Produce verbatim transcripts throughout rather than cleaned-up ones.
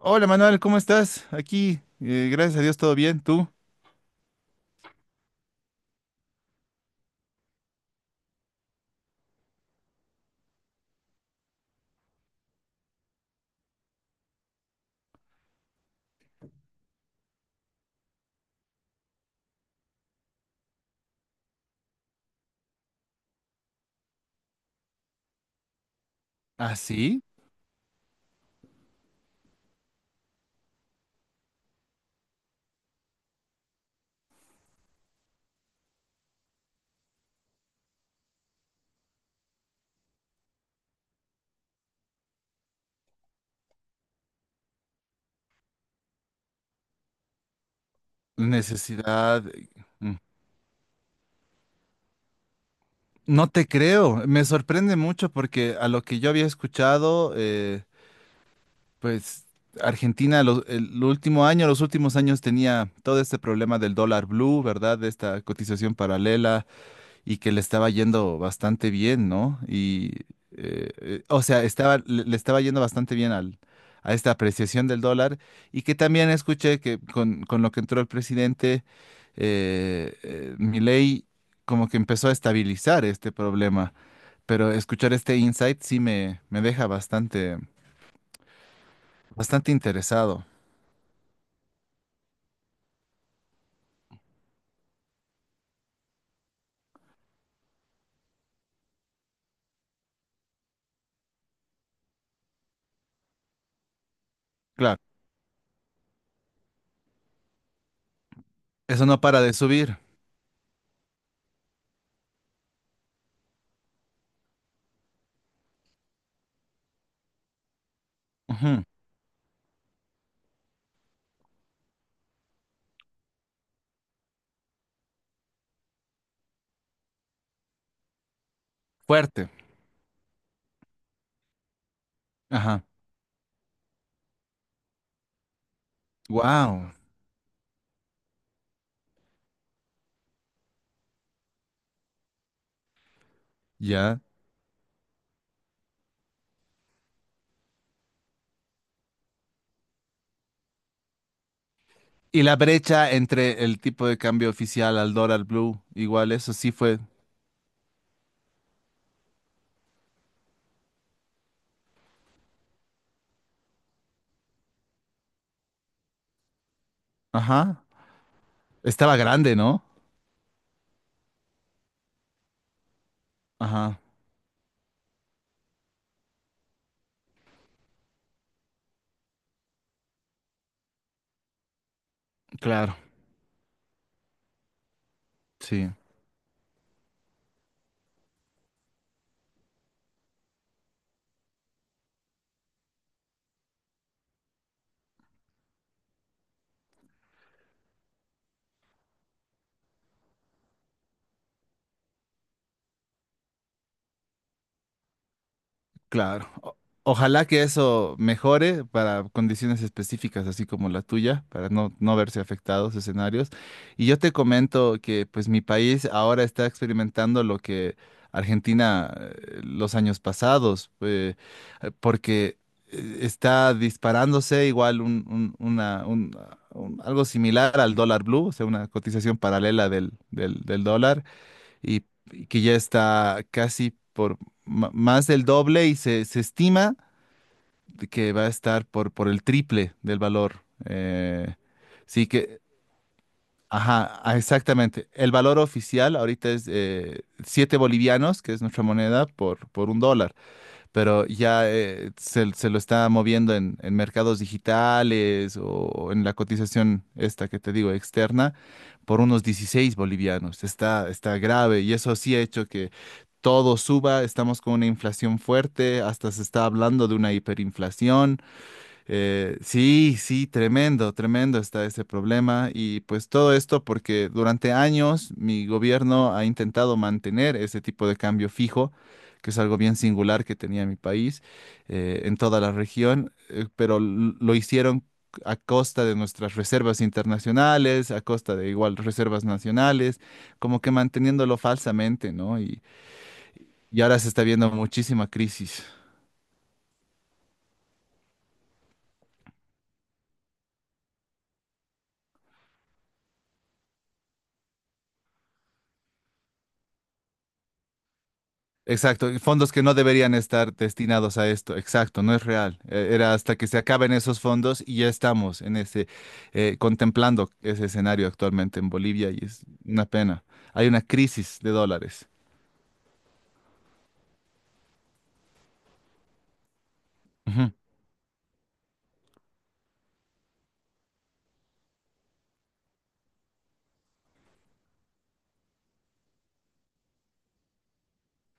Hola Manuel, ¿cómo estás? Aquí, eh, gracias a Dios, todo bien. ¿Tú? ¿Ah, sí? Necesidad. Mm. No te creo. Me sorprende mucho porque a lo que yo había escuchado, eh, pues Argentina lo- el último año, los últimos años tenía todo este problema del dólar blue, ¿verdad? De esta cotización paralela y que le estaba yendo bastante bien, ¿no? Y, eh, eh, o sea, estaba, le, le estaba yendo bastante bien al, a esta apreciación del dólar. Y que también escuché que con, con lo que entró el presidente, eh, eh, Milei como que empezó a estabilizar este problema, pero escuchar este insight sí me, me deja bastante, bastante interesado. Claro, eso no para de subir. Ujú. Fuerte. Ajá. Wow. Ya. Y la brecha entre el tipo de cambio oficial al dólar blue, igual eso sí fue. Ajá. Estaba grande, ¿no? Ajá. Claro. Sí. Claro. O- ojalá que eso mejore para condiciones específicas, así como la tuya, para no, no verse afectados escenarios. Y yo te comento que pues mi país ahora está experimentando lo que Argentina eh, los años pasados, eh, eh, porque eh, está disparándose igual un, un- una, un- un- algo similar al dólar blue, o sea, una cotización paralela del, del del dólar. Y, y que ya está casi por ma- más del doble y se, se estima de que va a estar por, por el triple del valor. Eh, sí que, ajá, ah, exactamente. El valor oficial ahorita es eh, siete bolivianos, que es nuestra moneda, por, por un dólar. Pero ya eh, se, se lo está moviendo en, en mercados digitales o en la cotización esta que te digo externa por unos dieciséis bolivianos. Está, está grave y eso sí ha hecho que todo suba, estamos con una inflación fuerte, hasta se está hablando de una hiperinflación. Eh, sí, sí, tremendo, tremendo está ese problema y pues todo esto porque durante años mi gobierno ha intentado mantener ese tipo de cambio fijo, que es algo bien singular que tenía mi país eh, en toda la región, eh, pero l- lo hicieron a costa de nuestras reservas internacionales, a costa de igual reservas nacionales, como que manteniéndolo falsamente, ¿no? Y, y ahora se está viendo muchísima crisis. Exacto, y fondos que no deberían estar destinados a esto, exacto, no es real. Eh, Era hasta que se acaben esos fondos y ya estamos en ese, eh, contemplando ese escenario actualmente en Bolivia y es una pena. Hay una crisis de dólares. Ujú.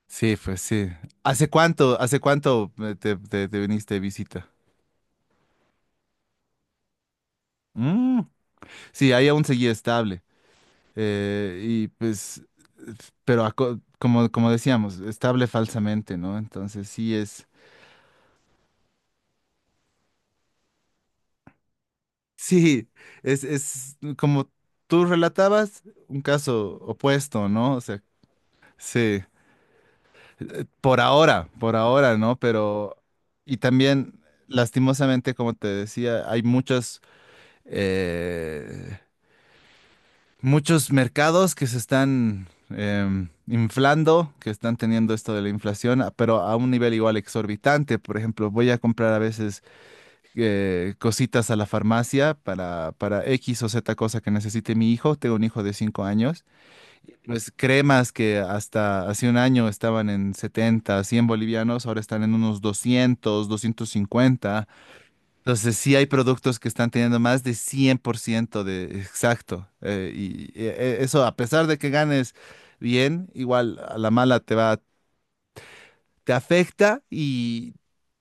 Sí, pues sí. ¿Hace cuánto, hace cuánto eh, te, te- te viniste de visita? Mm. Sí, ahí aún seguía estable. Eh, y pues, pero aco- como, como decíamos, estable falsamente, ¿no? Entonces sí es... Sí, es, es como tú relatabas, un caso opuesto, ¿no? O sea, sí, eh, por ahora, por ahora, ¿no? Pero, y también, lastimosamente, como te decía, hay muchos, eh, muchos mercados que se están em, inflando, que están teniendo esto de la inflación, a- pero a un nivel igual exorbitante. Por ejemplo, voy a comprar a veces eh, cositas a la farmacia para, para X o Z cosa que necesite mi hijo. Tengo un hijo de cinco años. Pues cremas que hasta hace un año estaban en setenta cien bolivianos, ahora están en unos doscientos doscientos cincuenta. Entonces sí hay productos que están teniendo más de cien por ciento de exacto. eh, y eh, eh, eso, a pesar de que ganes bien, igual a la mala te va, te afecta y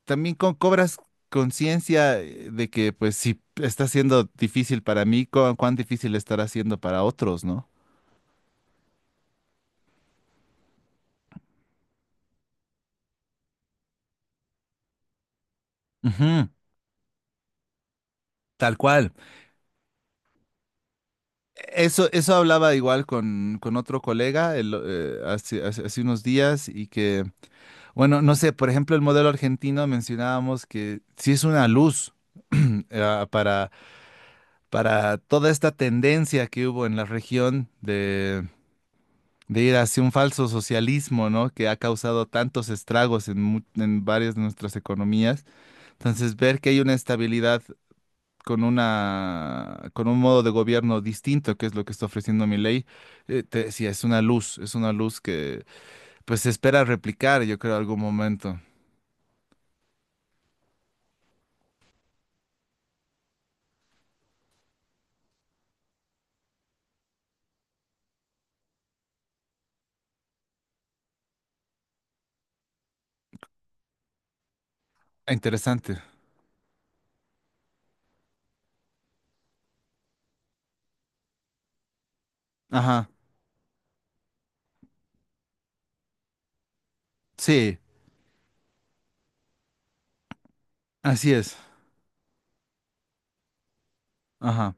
también co- cobras conciencia, eh, de que pues si está siendo difícil para mí, cu- cuán difícil estará siendo para otros, ¿no? Ujú, tal cual. Eso, eso hablaba igual con, con otro colega el, eh, hace, hace- hace unos días y que, bueno, no sé, por ejemplo, el modelo argentino mencionábamos que sí es una luz eh, para, para toda esta tendencia que hubo en la región de ir hacia un falso socialismo, ¿no? Que ha causado tantos estragos en, mu- en varias de nuestras economías. Entonces, ver que hay una estabilidad con una, con un modo de gobierno distinto, que es lo que está ofreciendo mi ley, eh, te decía, es una luz, es una luz que pues se espera replicar, yo creo, algún momento. Ah, interesante. Ajá. Sí, así es. Ajá.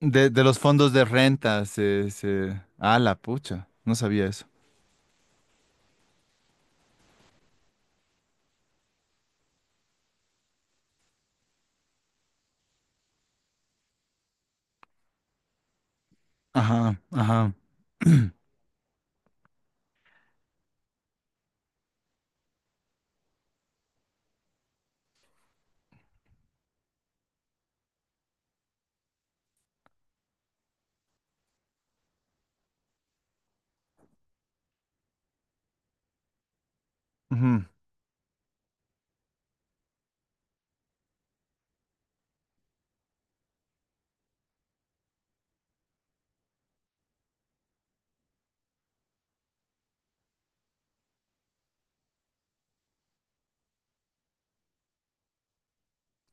De, de los fondos de renta, se, se... Ah, la pucha. No sabía eso. Ajá, ajá. Ujú,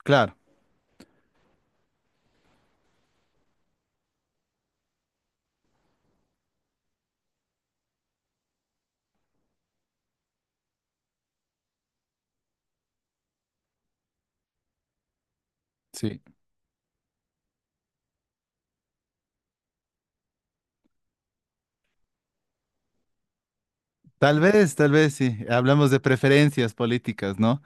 claro. Sí. Tal vez, tal vez sí. Hablamos de preferencias políticas, ¿no?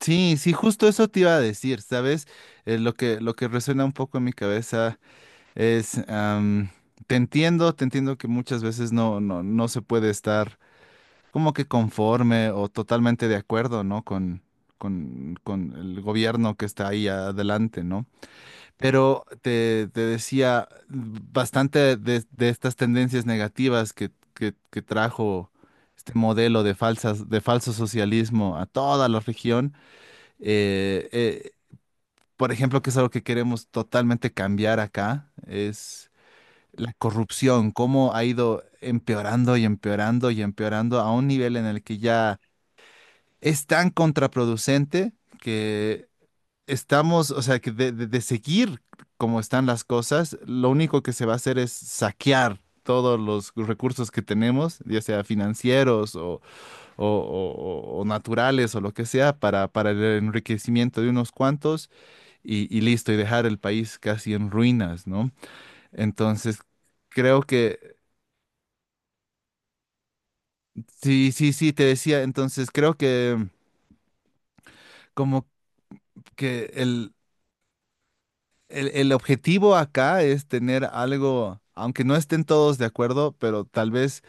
Sí, sí, justo eso te iba a decir, ¿sabes? Eh, lo que, lo que resuena un poco en mi cabeza es, am, te entiendo, te entiendo que muchas veces no, no, no se puede estar como que conforme o totalmente de acuerdo, ¿no? Con, con, con el gobierno que está ahí adelante, ¿no? Pero te, te decía bastante de, de estas tendencias negativas que, que- que trajo este modelo de falsas, de falso socialismo a toda la región. eh, eh, por ejemplo, que es algo que queremos totalmente cambiar acá, es la corrupción, cómo ha ido empeorando y empeorando y empeorando a un nivel en el que ya es tan contraproducente que estamos, o sea, que de, de- de seguir como están las cosas, lo único que se va a hacer es saquear todos los recursos que tenemos, ya sea financieros o, o- o- o- o naturales o lo que sea, para, para el enriquecimiento de unos cuantos y, y listo, y dejar el país casi en ruinas, ¿no? Entonces, creo que, sí, sí, sí, te decía, entonces creo que como que El, el objetivo acá es tener algo, aunque no estén todos de acuerdo, pero tal vez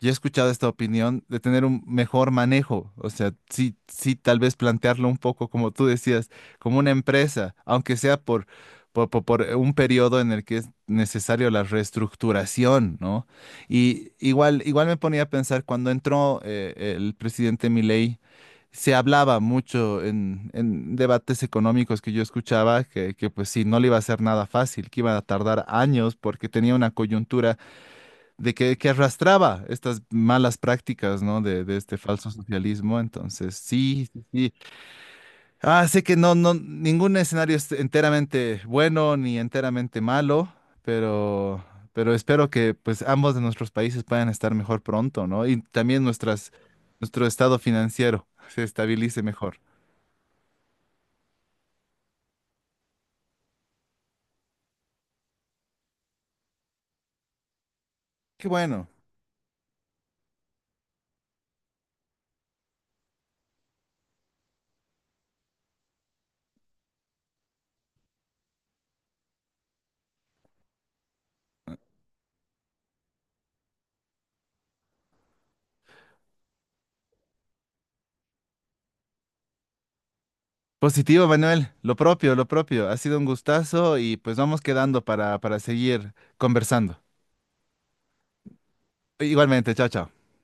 yo he escuchado esta opinión de tener un mejor manejo, o sea, sí, sí, tal vez plantearlo un poco, como tú decías, como una empresa, aunque sea por, por, por- por un periodo en el que es necesario la reestructuración, ¿no? Y igual, igual me ponía a pensar cuando entró eh, el presidente Milei, se hablaba mucho en, en debates económicos que yo escuchaba que, que, pues sí, no le iba a ser nada fácil, que iba a tardar años porque tenía una coyuntura de que, que arrastraba estas malas prácticas, ¿no? De, de este falso socialismo. Entonces, sí, sí, sí. Ah, sé que no, no, ningún escenario es enteramente bueno ni enteramente malo, pero, pero espero que pues ambos de nuestros países puedan estar mejor pronto, ¿no? Y también nuestras, nuestro estado financiero se estabilice mejor. Qué bueno. Positivo, Manuel. Lo propio, lo propio. Ha sido un gustazo y pues vamos quedando para, para seguir conversando. Igualmente, chao, chao.